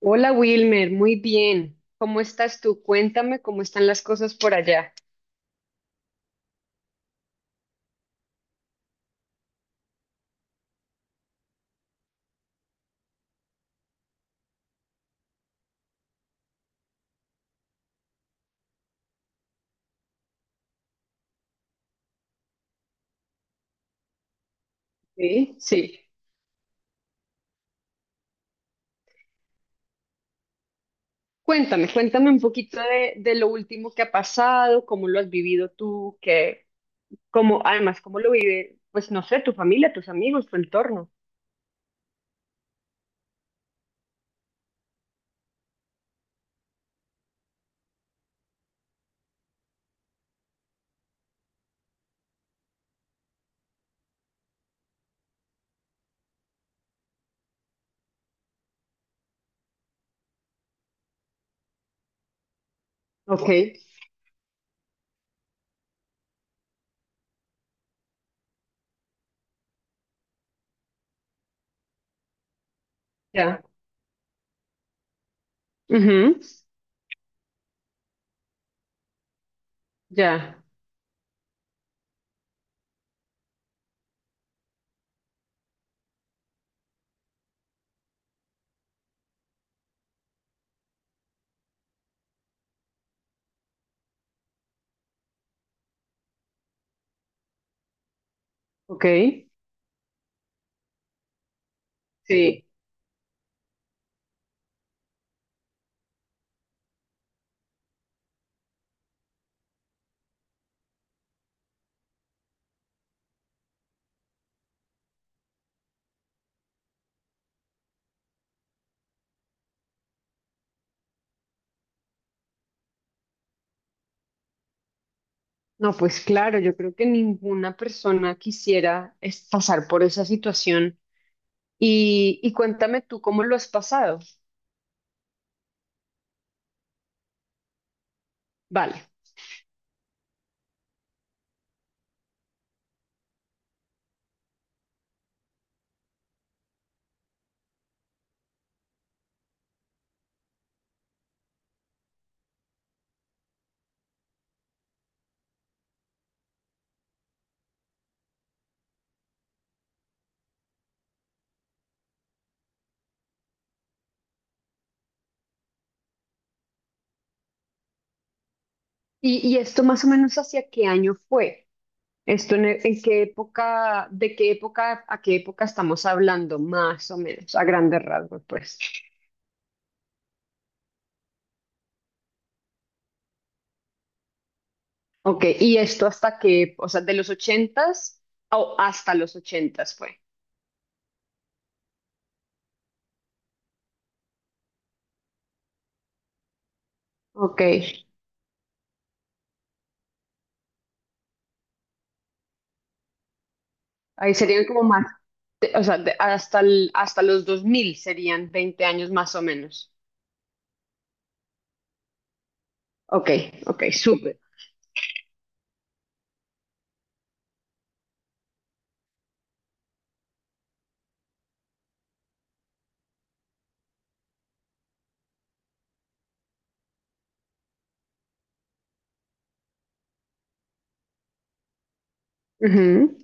Hola Wilmer, muy bien. ¿Cómo estás tú? Cuéntame cómo están las cosas por allá. Sí, sí. Cuéntame, cuéntame un poquito de lo último que ha pasado, cómo lo has vivido tú, cómo, además, cómo lo vive, pues no sé, tu familia, tus amigos, tu entorno. Ok, ya, ujú, ya, ok. Sí. No, pues claro, yo creo que ninguna persona quisiera es pasar por esa situación. Y cuéntame tú cómo lo has pasado. Vale. ¿Y esto más o menos hacia qué año fue? ¿Esto en qué época, de qué época a qué época estamos hablando, más o menos, a grandes rasgos, pues? Ok, ¿y esto hasta qué, o sea, de los ochentas o hasta los ochentas fue? Ok, ahí serían como más, o sea, hasta los 2000 serían 20 años más o menos. Ok, ok, súper. Ujú.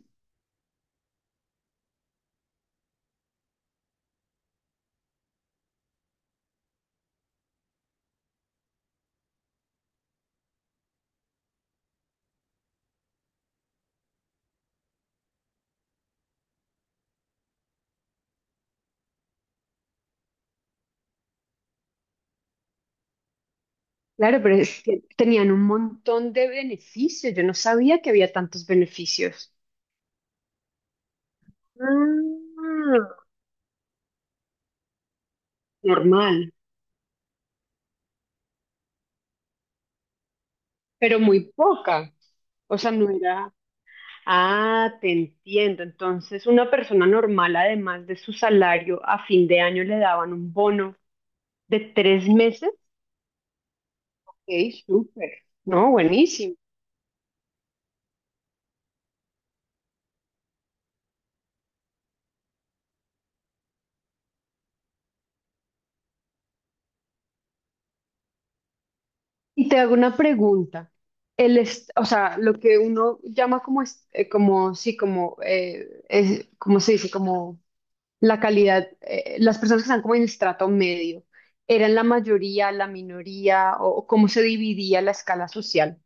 Claro, pero es que tenían un montón de beneficios. Yo no sabía que había tantos beneficios. Ah, normal, pero muy poca. O sea, no era. Ah, te entiendo. Entonces, una persona normal, además de su salario, a fin de año le daban un bono de tres meses. Ok, súper. No, buenísimo. Y te hago una pregunta. O sea, lo que uno llama como, como sí, como, ¿cómo se dice? Como la calidad, las personas que están como en el estrato medio, ¿eran la mayoría, la minoría o, cómo se dividía la escala social?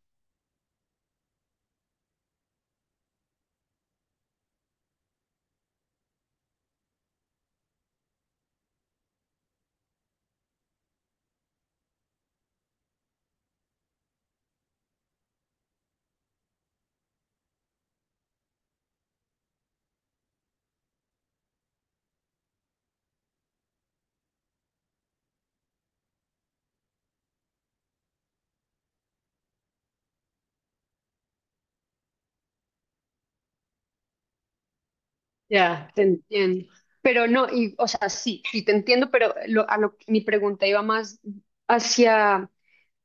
Ya, te entiendo. Pero no, y, o sea, sí, sí te entiendo, pero mi pregunta iba más hacia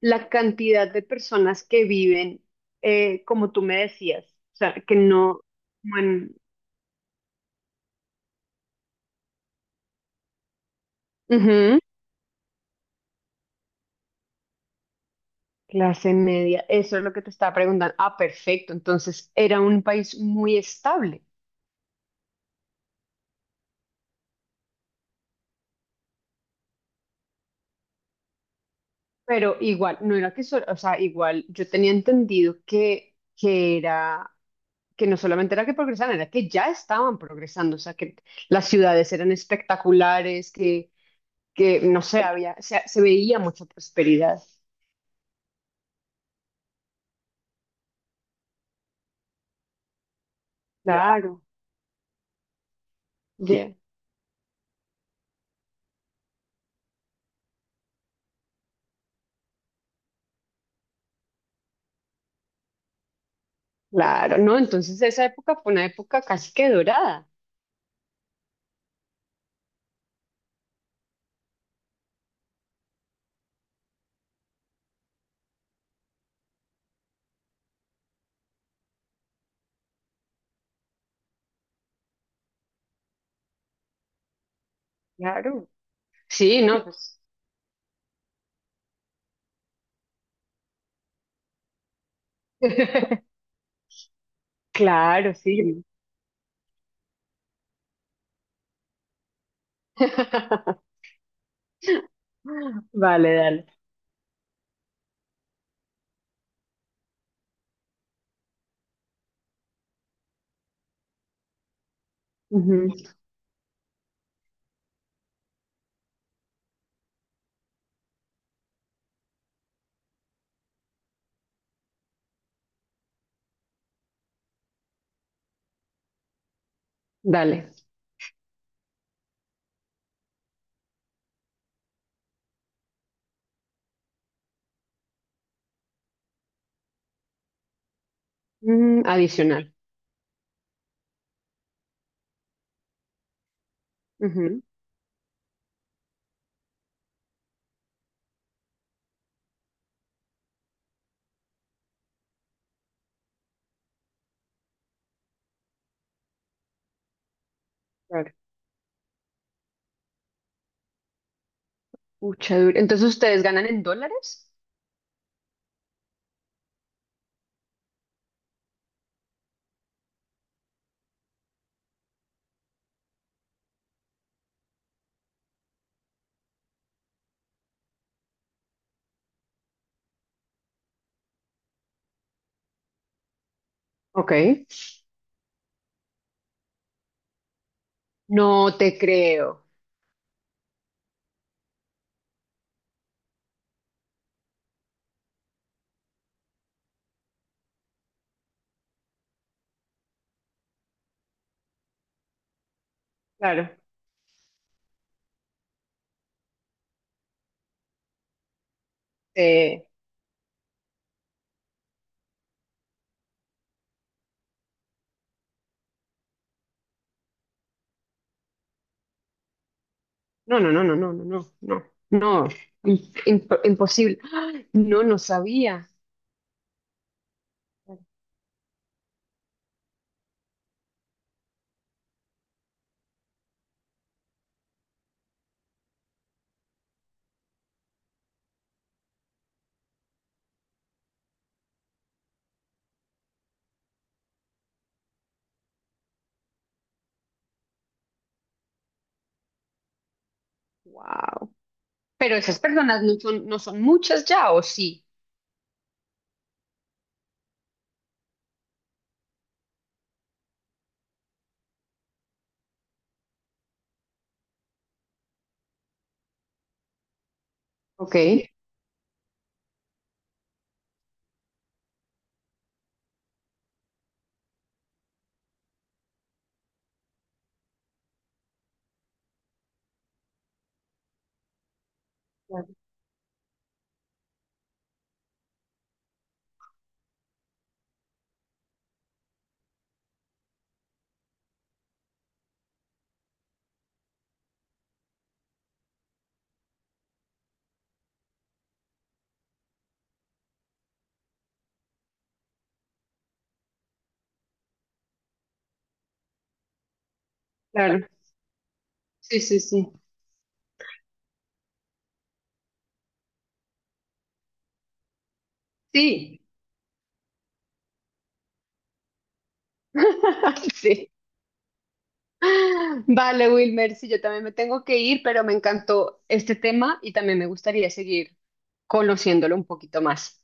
la cantidad de personas que viven, como tú me decías, o sea, que no, como en- ujú, clase media, eso es lo que te estaba preguntando. Ah, perfecto, entonces era un país muy estable. Pero igual, no era que solo, o sea, igual yo tenía entendido que, era, que no solamente era que progresaban, era que ya estaban progresando, o sea, que las ciudades eran espectaculares, que no sé, había, se veía mucha prosperidad. Claro, ya, claro, ¿no? Entonces esa época fue una época casi que dorada. Claro. Sí, ¿no? Pues. Claro, sí. Vale, dale. Ujú. Dale. Mm, adicional. Ujú, claro. Pucha, duro. Entonces, ¿ustedes ganan en dólares? Ok. No te creo. Claro. Eh, no, no, no, no, no, no, no, no. No. ¡Imposible. ¡Ah! No, no sabía. Wow. Pero esas personas no son, muchas ya, ¿o sí? Ok, claro, claro. Sí, sí, sí. Sí. Sí. Vale, Wilmer, sí, yo también me tengo que ir, pero me encantó este tema y también me gustaría seguir conociéndolo un poquito más.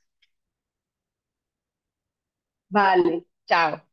Vale, chao.